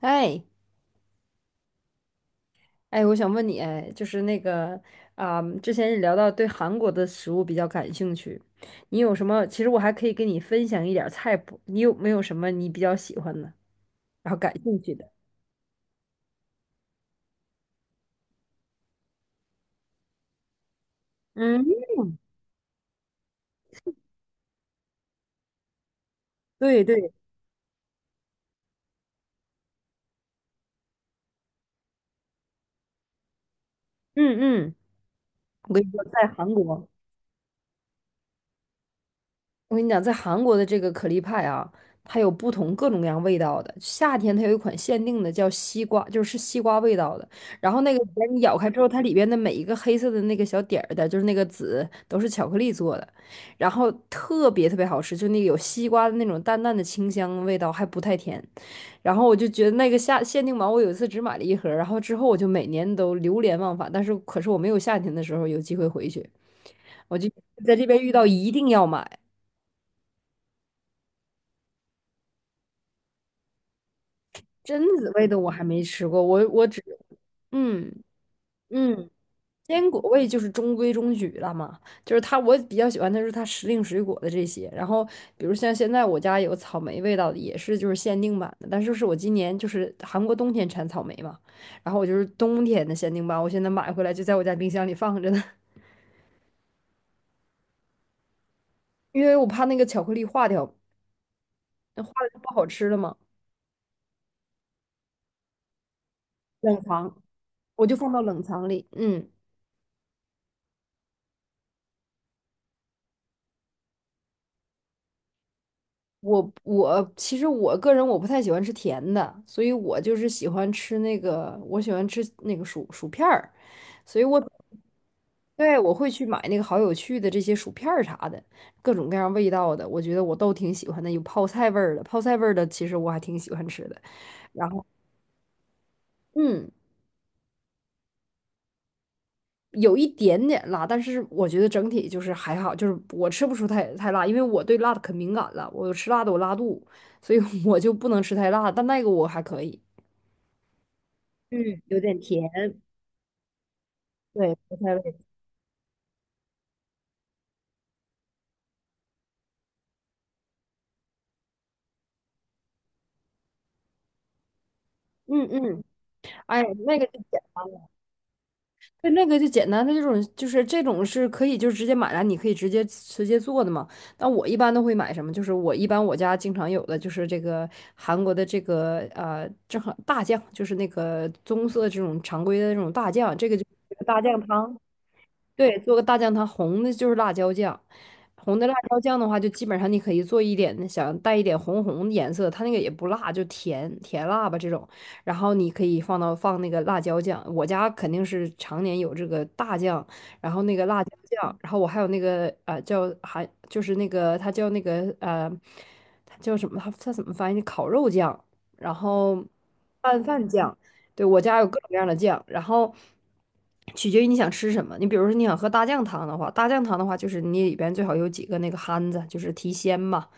哎哎，我想问你，哎，就是那个之前也聊到对韩国的食物比较感兴趣，你有什么？其实我还可以跟你分享一点儿菜谱，你有没有什么你比较喜欢的，然后感兴趣的？嗯，对对，嗯嗯，我跟你说，在韩国。我跟你讲，在韩国的这个可丽派啊，它有不同各种各样味道的。夏天它有一款限定的叫西瓜，就是西瓜味道的。然后那个里边你咬开之后，它里边的每一个黑色的那个小点儿的，就是那个籽，都是巧克力做的，然后特别特别好吃，就那个有西瓜的那种淡淡的清香味道，还不太甜。然后我就觉得那个夏限定版，我有一次只买了一盒，然后之后我就每年都流连忘返。但是可是我没有夏天的时候有机会回去，我就在这边遇到一定要买。榛子味的我还没吃过，我只嗯嗯，坚果味就是中规中矩了嘛，就是它我比较喜欢的是它时令水果的这些，然后比如像现在我家有草莓味道的，也是就是限定版的，但是是我今年就是韩国冬天产草莓嘛，然后我就是冬天的限定版，我现在买回来就在我家冰箱里放着呢，因为我怕那个巧克力化掉，那化了就不好吃了嘛，冷藏我就放到冷藏里，嗯。我其实我个人我不太喜欢吃甜的，所以我就是喜欢吃那个，我喜欢吃那个薯片儿，所以我对我会去买那个好有趣的这些薯片儿啥的，各种各样味道的，我觉得我都挺喜欢的。有泡菜味儿的，泡菜味儿的其实我还挺喜欢吃的。然后嗯，有一点点辣，但是我觉得整体就是还好，就是我吃不出太辣，因为我对辣的可敏感了，我吃辣的我拉肚，所以 我就不能吃太辣，但那个我还可以。嗯，有点甜，对，不太味。嗯嗯，哎，那个就简单了，对，那个就简单。的这种就是这种是可以就直接买来，你可以直接做的嘛。那我一般都会买什么？就是我一般我家经常有的就是这个韩国的这个正好大酱，就是那个棕色这种常规的那种大酱，这个就是大酱汤。对，做个大酱汤，红的就是辣椒酱。红的辣椒酱的话，就基本上你可以做一点，想带一点红红的颜色，它那个也不辣，就甜甜辣吧这种。然后你可以放到放那个辣椒酱，我家肯定是常年有这个大酱，然后那个辣椒酱，然后我还有那个叫还就是那个它叫那个它叫什么？它它怎么翻译？烤肉酱，然后拌饭酱。对，我家有各种各样的酱，然后取决于你想吃什么。你比如说你想喝大酱汤的话，大酱汤的话就是你里边最好有几个那个憨子，就是提鲜嘛，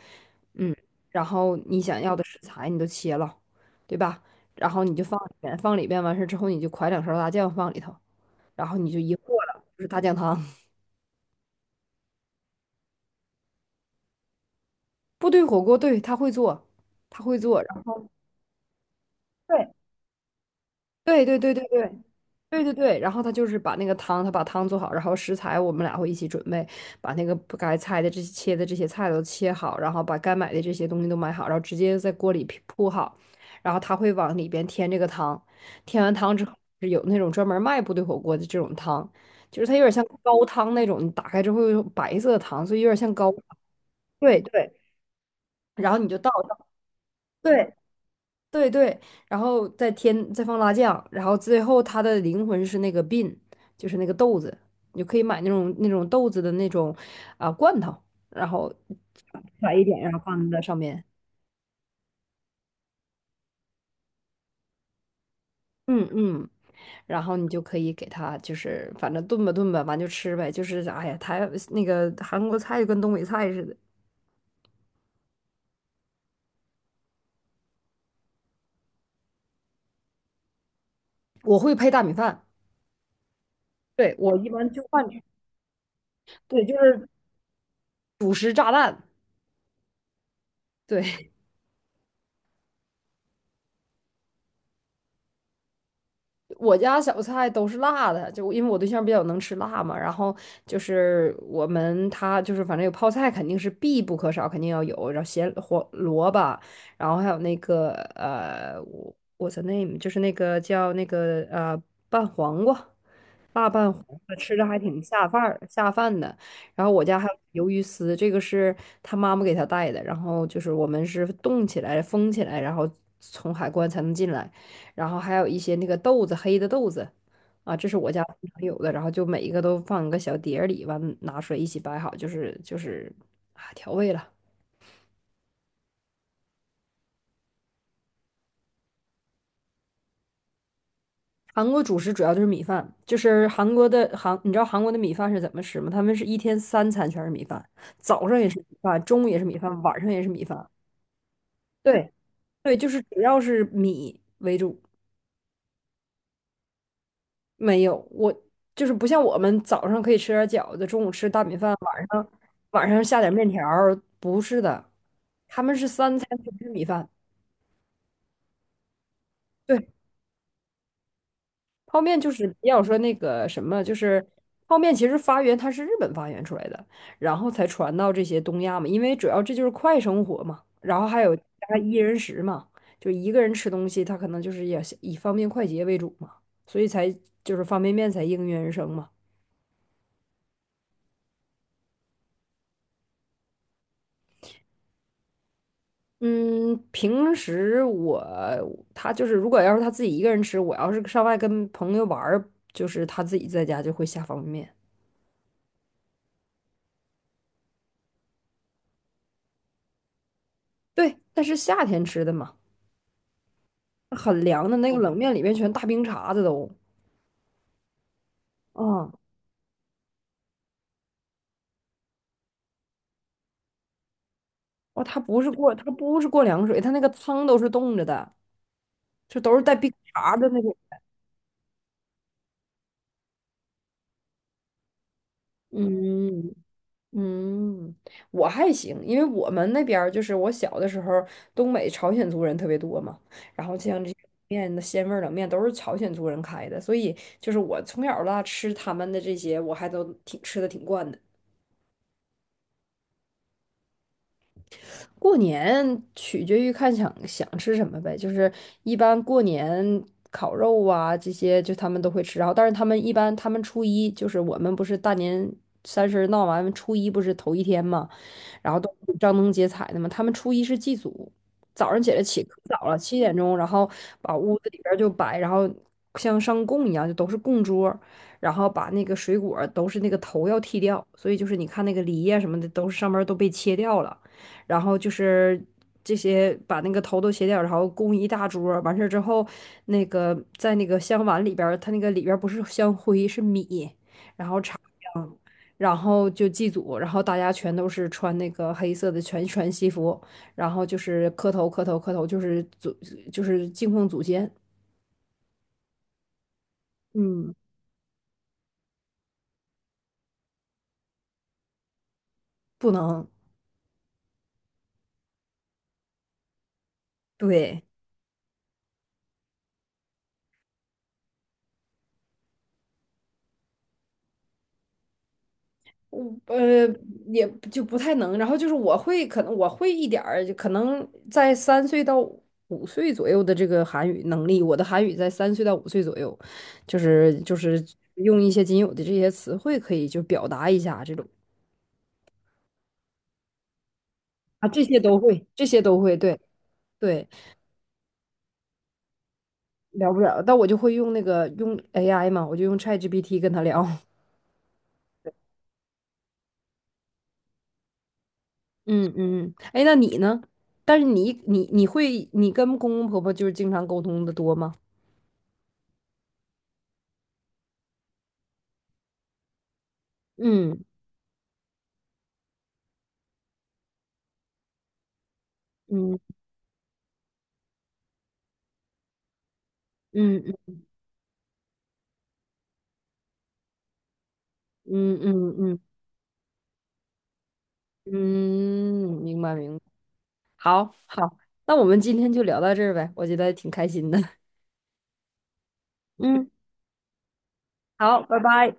嗯，然后你想要的食材你都切了，对吧？然后你就放里边，放里边完事之后你就㧟两勺大酱放里头，然后你就一和了，就是大酱汤。部队火锅，对，他会做，他会做，然后。对。对对对对对对对对，然后他就是把那个汤，他把汤做好，然后食材我们俩会一起准备，把那个不该菜的这些切的这些菜都切好，然后把该买的这些东西都买好，然后直接在锅里铺铺好，然后他会往里边添这个汤，添完汤之后是有那种专门卖部队火锅的这种汤，就是它有点像高汤那种，你打开之后有白色的汤，所以有点像高汤，对对，然后你就倒。对。对对，然后再添再放辣酱，然后最后它的灵魂是那个 bean，就是那个豆子，你就可以买那种那种豆子的那种罐头，然后撒一点，然后放在上面。嗯嗯，然后你就可以给它，就是反正炖吧炖吧，完就吃呗。就是哎呀，台那个韩国菜就跟东北菜似的。我会配大米饭，对，我一般就拌，对，就是主食炸弹，对。我家小菜都是辣的，就因为我对象比较能吃辣嘛，然后就是我们他就是反正有泡菜肯定是必不可少，肯定要有，然后咸黄萝卜，然后还有那个what's the name，就是那个叫那个拌黄瓜，辣拌黄瓜吃着还挺下饭儿下饭的。然后我家还有鱿鱼丝，这个是他妈妈给他带的，然后就是我们是冻起来封起来，然后从海关才能进来。然后还有一些那个豆子，黑的豆子，啊，这是我家经常有的，然后就每一个都放一个小碟儿里，完拿出来一起摆好，就是就是啊调味了。韩国主食主要就是米饭，就是韩国的韩，你知道韩国的米饭是怎么吃吗？他们是一天三餐全是米饭，早上也是米饭，中午也是米饭，晚上也是米饭。对对，就是主要是米为主。没有，我就是不像我们早上可以吃点饺子，中午吃大米饭，晚上下点面条儿不是的，他们是三餐不吃米饭。对，泡面就是要说那个什么，就是泡面其实发源它是日本发源出来的，然后才传到这些东亚嘛，因为主要这就是快生活嘛，然后还有加一人食嘛，就一个人吃东西，他可能就是也是以方便快捷为主嘛，所以才就是方便面才应运而生嘛。嗯，平时我他就是，如果要是他自己一个人吃，我要是上外跟朋友玩儿，就是他自己在家就会下方便面。对，但是夏天吃的嘛，很凉的那个冷面里面全大冰碴子都。嗯，哦，它不是过，他不是过凉水，他那个汤都是冻着的，就都是带冰碴儿的那个。嗯，嗯，我还行，因为我们那边儿就是我小的时候东北朝鲜族人特别多嘛，然后像这些面的鲜味儿冷面都是朝鲜族人开的，所以就是我从小到大吃他们的这些，我还都挺吃的挺惯的。过年取决于看想想吃什么呗，就是一般过年烤肉啊这些，就他们都会吃，然后但是他们一般他们初一就是我们不是大年三十闹完初一不是头一天嘛。然后都是张灯结彩的嘛。他们初一是祭祖，早上起来起可早了，7点钟，然后把屋子里边儿就摆，然后像上供一样，就都是供桌儿然后把那个水果儿都是那个头要剃掉，所以就是你看那个梨呀、什么的，都是上面儿都被切掉了，然后就是。这些把那个头都切掉，然后供一大桌儿完事儿之后，那个在那个香碗里边儿，它那个里边儿不是香灰，是米，然后就祭祖，然后大家全都是穿那个黑色的全西服，然后就是磕头磕头磕头，就是祖就是敬奉祖先，嗯，不能，对，我也就不太能。然后就是我会可能我会一点儿，就可能在三岁到五岁左右的这个韩语能力，我的韩语在三岁到五岁左右，就是就是用一些仅有的这些词汇可以就表达一下这种啊，这些都会，这些都会，对对。聊不了，但我就会用那个用 AI 嘛，我就用 ChatGPT 跟他聊。嗯嗯，嗯，哎，那你呢？但是你会你跟公公婆婆就是经常沟通的多吗？嗯嗯嗯嗯嗯嗯嗯，嗯，明白明白。好好，那我们今天就聊到这儿呗，我觉得挺开心的。嗯，好，拜拜。